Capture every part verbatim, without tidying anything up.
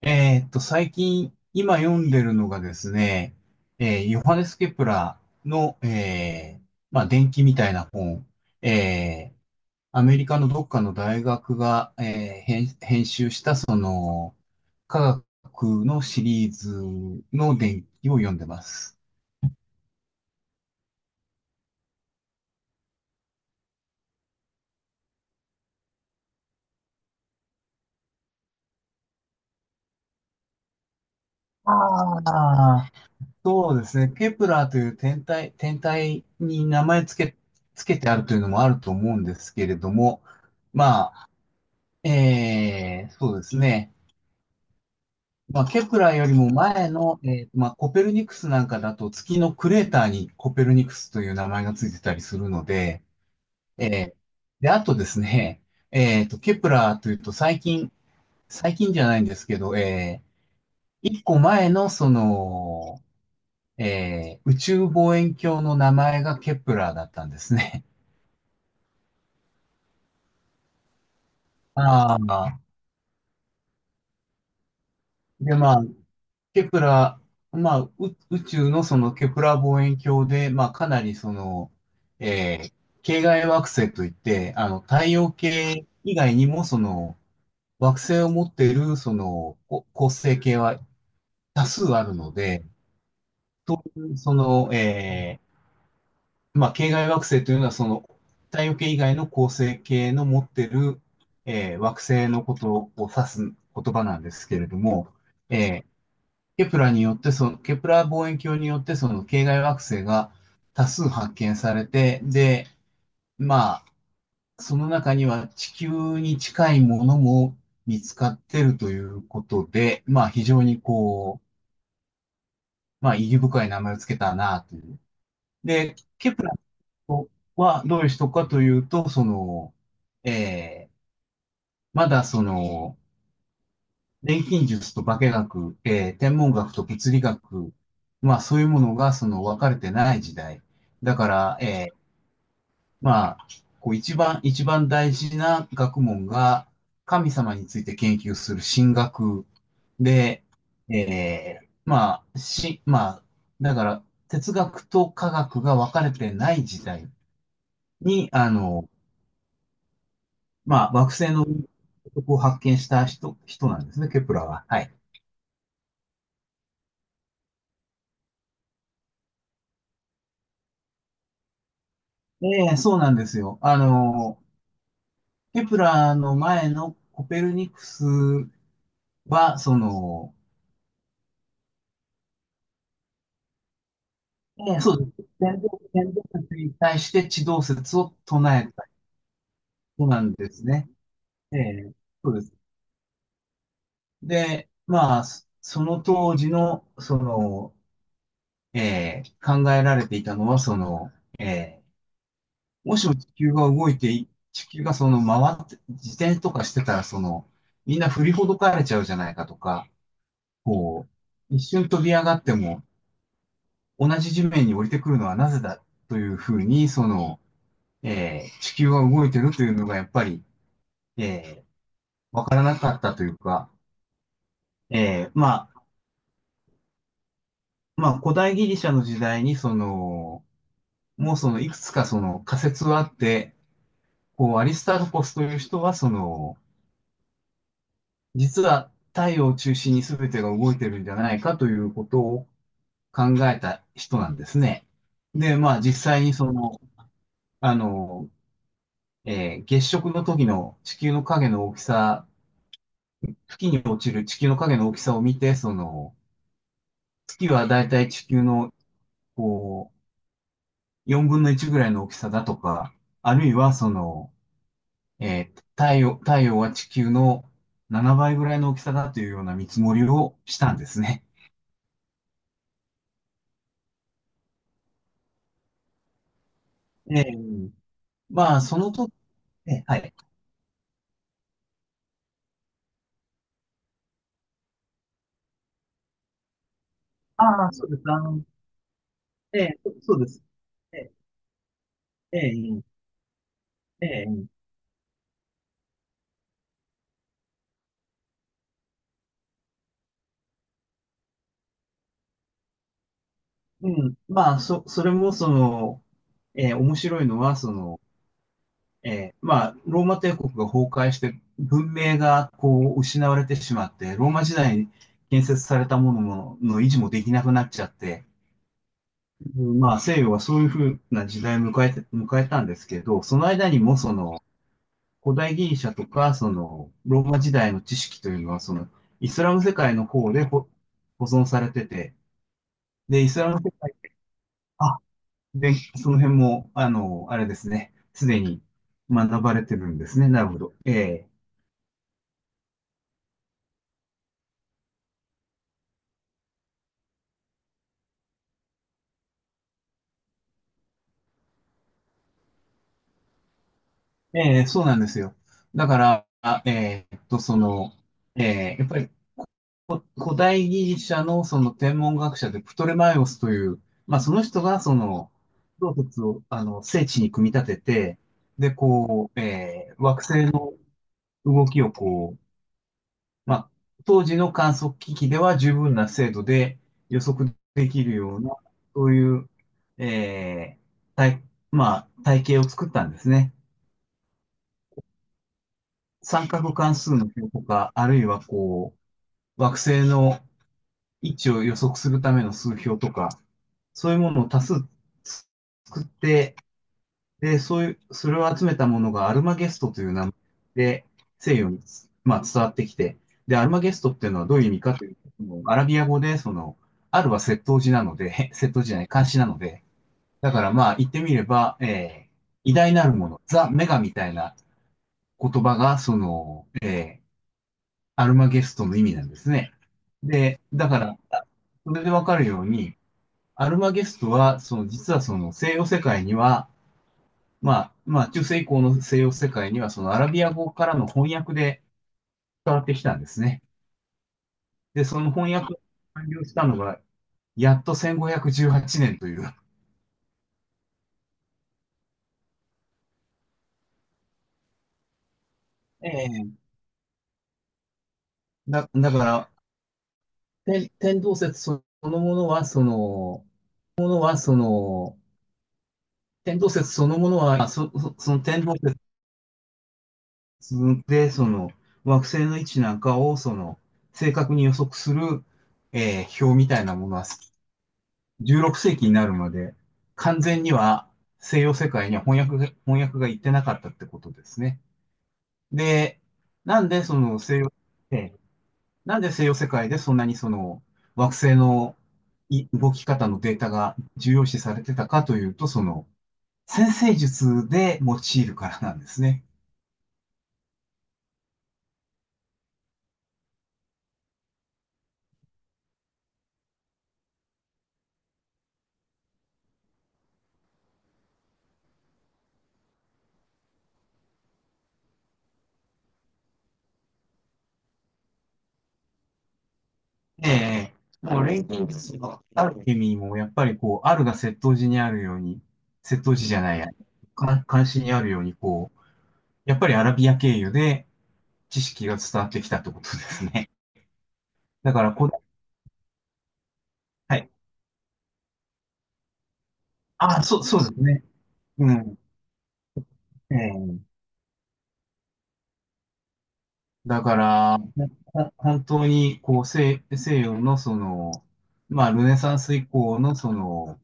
えーっと、最近、今読んでるのがですね、えーヨハネス・ケプラーの、えーまあ、伝記みたいな本、えーアメリカのどっかの大学が、えー編、編集した、その、科学のシリーズの伝記を読んでます。ああ、そうですね、ケプラーという天体、天体に名前つけ、つけてあるというのもあると思うんですけれども、まあ、えー、そうですね。まあ、ケプラーよりも前の、えーまあ、コペルニクスなんかだと月のクレーターにコペルニクスという名前がついてたりするので、えーで、あとですね、えーと、ケプラーというと最近、最近じゃないんですけど、えー、一個前のその、えー宇宙望遠鏡の名前がケプラーだったんですね。ああ、で、まあ、ケプラ、まあ、う宇宙のそのケプラ望遠鏡で、まあ、かなりその、えー系外惑星といって、あの、太陽系以外にもその、惑星を持っているその、こ恒星系は多数あるので、そういうその、えーまあ、系外惑星というのはその、太陽系以外の恒星系の持っている、えー惑星のことを指す言葉なんですけれども、えーケプラによってその、ケプラ望遠鏡によってその系外惑星が多数発見されて、で、まあ、その中には地球に近いものも見つかってるということで、まあ非常にこう、まあ意義深い名前をつけたなという。で、ケプラはどういう人かというと、その、えーまだその、錬金術と化学、えー天文学と物理学、まあそういうものがその分かれてない時代。だから、えーまあ、こう一番、一番大事な学問が神様について研究する神学で、えーまあ、し、まあ、だから哲学と科学が分かれてない時代に、あの、まあ惑星のを発見した人、人なんですね、ケプラは。はい。ええ、そうなんですよ。あの、ケプラーの前のコペルニクスは、その、ね、そうです。天動天動説に対して地動説を唱えた人なんですね。ええ、そうです。で、まあ、そその当時の、その、ええ、考えられていたのは、その、ええ、もしも地球が動いてい、地球がその回って、自転とかしてたら、その、みんな振りほどかれちゃうじゃないかとか、こう、一瞬飛び上がっても、同じ地面に降りてくるのはなぜだというふうに、その、えー地球が動いてるというのがやっぱり、えー、わからなかったというか、えーまあ、まあ、古代ギリシャの時代に、その、もうその、いくつかその仮説はあって、こう、アリスタルコスという人は、その、実は太陽を中心に全てが動いてるんじゃないかということを考えた人なんですね。で、まあ、実際にその、あの、えー月食の時の地球の影の大きさ、月に落ちる地球の影の大きさを見て、その、月はだいたい地球の、こう、よんぶんのいちぐらいの大きさだとか、あるいは、その、えー太陽、太陽は地球のななばいぐらいの大きさだというような見積もりをしたんですね。ええ、まあ、そのと、ええ、はい。ああ、そうです。あの、ええ、そ、そうです。ええ、ええ、ええ、うん。まあ、そ、それも、その、ええ、面白いのは、その、ええ、まあ、ローマ帝国が崩壊して、文明がこう失われてしまって、ローマ時代に建設されたもの、もの維持もできなくなっちゃって、うん、まあ、西洋はそういうふうな時代を迎えて、迎えたんですけど、その間にもその、古代ギリシャとか、その、ローマ時代の知識というのは、その、イスラム世界の方でほ保存されてて、で、イスラム世界、あ、で、その辺も、あの、あれですね、すでに学ばれてるんですね。なるほど。えーええ、そうなんですよ。だから、あえーっと、その、えーやっぱり古代ギリシャのその天文学者でプトレマイオスという、まあその人がその、洞窟を、あの、聖地に組み立てて、で、こう、えー惑星の動きをこう、まあ、当時の観測機器では十分な精度で予測できるような、そういう、えー体、まあ、体系を作ったんですね。三角関数の表とか、あるいはこう、惑星の位置を予測するための数標とか、そういうものを多数作って、で、そういう、それを集めたものがアルマゲストという名前で西洋に、まあ、伝わってきて、で、アルマゲストっていうのはどういう意味かというと、アラビア語で、その、アルは窃盗時なので、窃盗時じゃない、監視なので、だからまあ言ってみれば、えー、偉大なるもの、ザ・メガみたいな言葉が、その、えー、アルマゲストの意味なんですね。で、だから、それでわかるように、アルマゲストは、その実はその西洋世界には、まあ、まあ中世以降の西洋世界には、そのアラビア語からの翻訳で伝わってきたんですね。で、その翻訳が完了したのが、やっとせんごひゃくじゅうはちねんという。ええ、だ、だから、天天動説そのものは、その、はその、天動説そのものは、そそその天動説自分で、その惑星の位置なんかをその正確に予測する、えー表みたいなものはじゅうろく世紀になるまで完全には西洋世界には翻訳が、翻訳が行ってなかったってことですね。で、なんでその西洋、えーなんで西洋世界でそんなにその惑星のい動き方のデータが重要視されてたかというと、その先生術で用いるからなんですね。ええ、もう錬金術のある意味も、やっぱりこう、あるが窃盗時にあるように、窃盗時じゃないや、か監視にあるように、こう、やっぱりアラビア経由で知識が伝わってきたってことですね。だからこ、はい。あ、そう、そうですね。うん。ええ、だから、ほ本当に、こう、西、西洋のその、まあ、ルネサンス以降のその、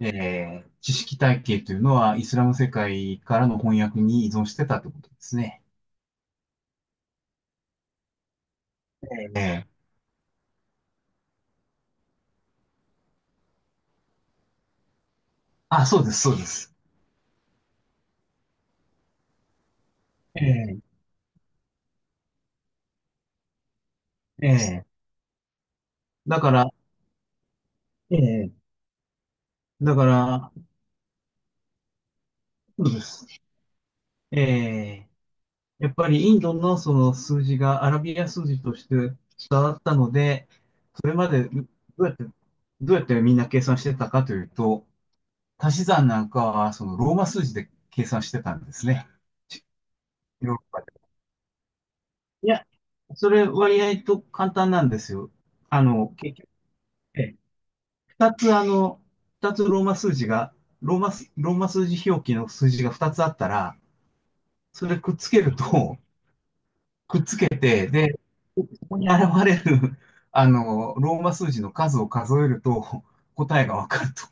ええ、知識体系というのは、イスラム世界からの翻訳に依存してたってことですね。ええ、あ、そうです、そうです。ええ、ええ、だから、ええ、だから、そうです。ええ、やっぱりインドのその数字がアラビア数字として伝わったので、それまでどうやって、どうやってみんな計算してたかというと、足し算なんかはそのローマ数字で計算してたんですね。ヨーロッパで。いや、それ割合と簡単なんですよ。あの、結局、え二つあの、二つローマ数字が、ローマす、ローマ数字表記の数字が二つあったら、それくっつけると、くっつけて、で、ここに現れる、あの、ローマ数字の数を数えると、答えがわかると。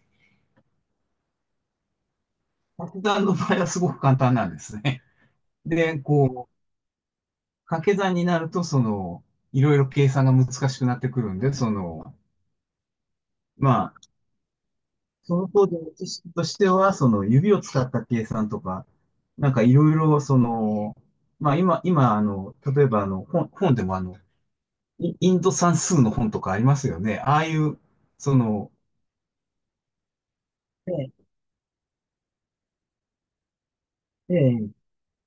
掛け算の場合はすごく簡単なんですね。で、こう、掛け算になると、その、いろいろ計算が難しくなってくるんで、その、まあ、その方での知識としては、その指を使った計算とか、なんかいろいろ、その、まあ今、今、あの、例えばあの、本、本でもあの、イインド算数の本とかありますよね。ああいう、その、ええ、ええ、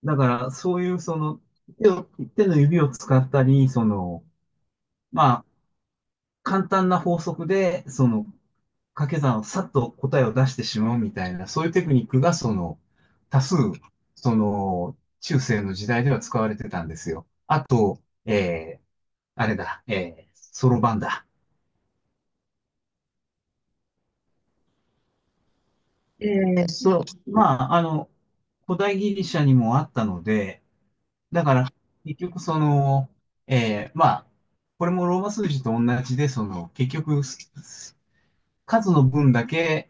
だからそういうその、手を手の指を使ったり、その、まあ、簡単な法則で、その、掛け算をさっと答えを出してしまうみたいな、そういうテクニックが、その、多数、その、中世の時代では使われてたんですよ。あと、えー、あれだ、えー、そろばんだ。ええ、そう、まあ、あの、古代ギリシャにもあったので、だから、結局その、えーまあ、これもローマ数字と同じで、その、結局、数の分だけ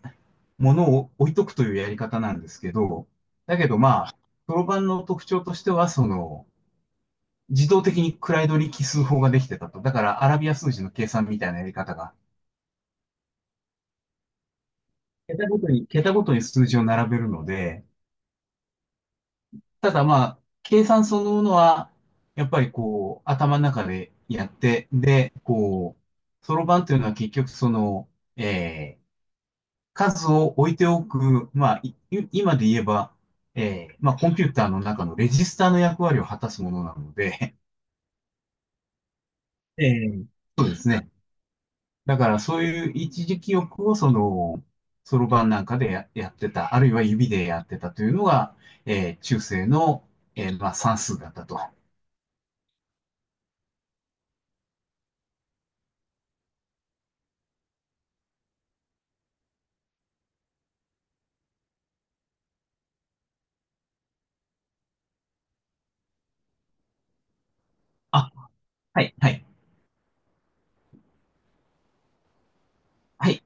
物を置いとくというやり方なんですけど、だけどまあ、そろロんの特徴としては、その、自動的に位取り奇数法ができてたと。だから、アラビア数字の計算みたいなやり方が、桁ごとに、桁ごとに数字を並べるので、ただまあ、計算そのものは、やっぱりこう、頭の中でやって、で、こう、そろばんというのは結局その、えー数を置いておく、まあ、い今で言えば、えーまあ、コンピューターの中のレジスターの役割を果たすものなので、えーそうですね。だからそういう一時記憶をその、そろばんなんかでや、やってた、あるいは指でやってたというのが、えー中世の、えーまあ、算数だったと。あ、はい、はい、はい。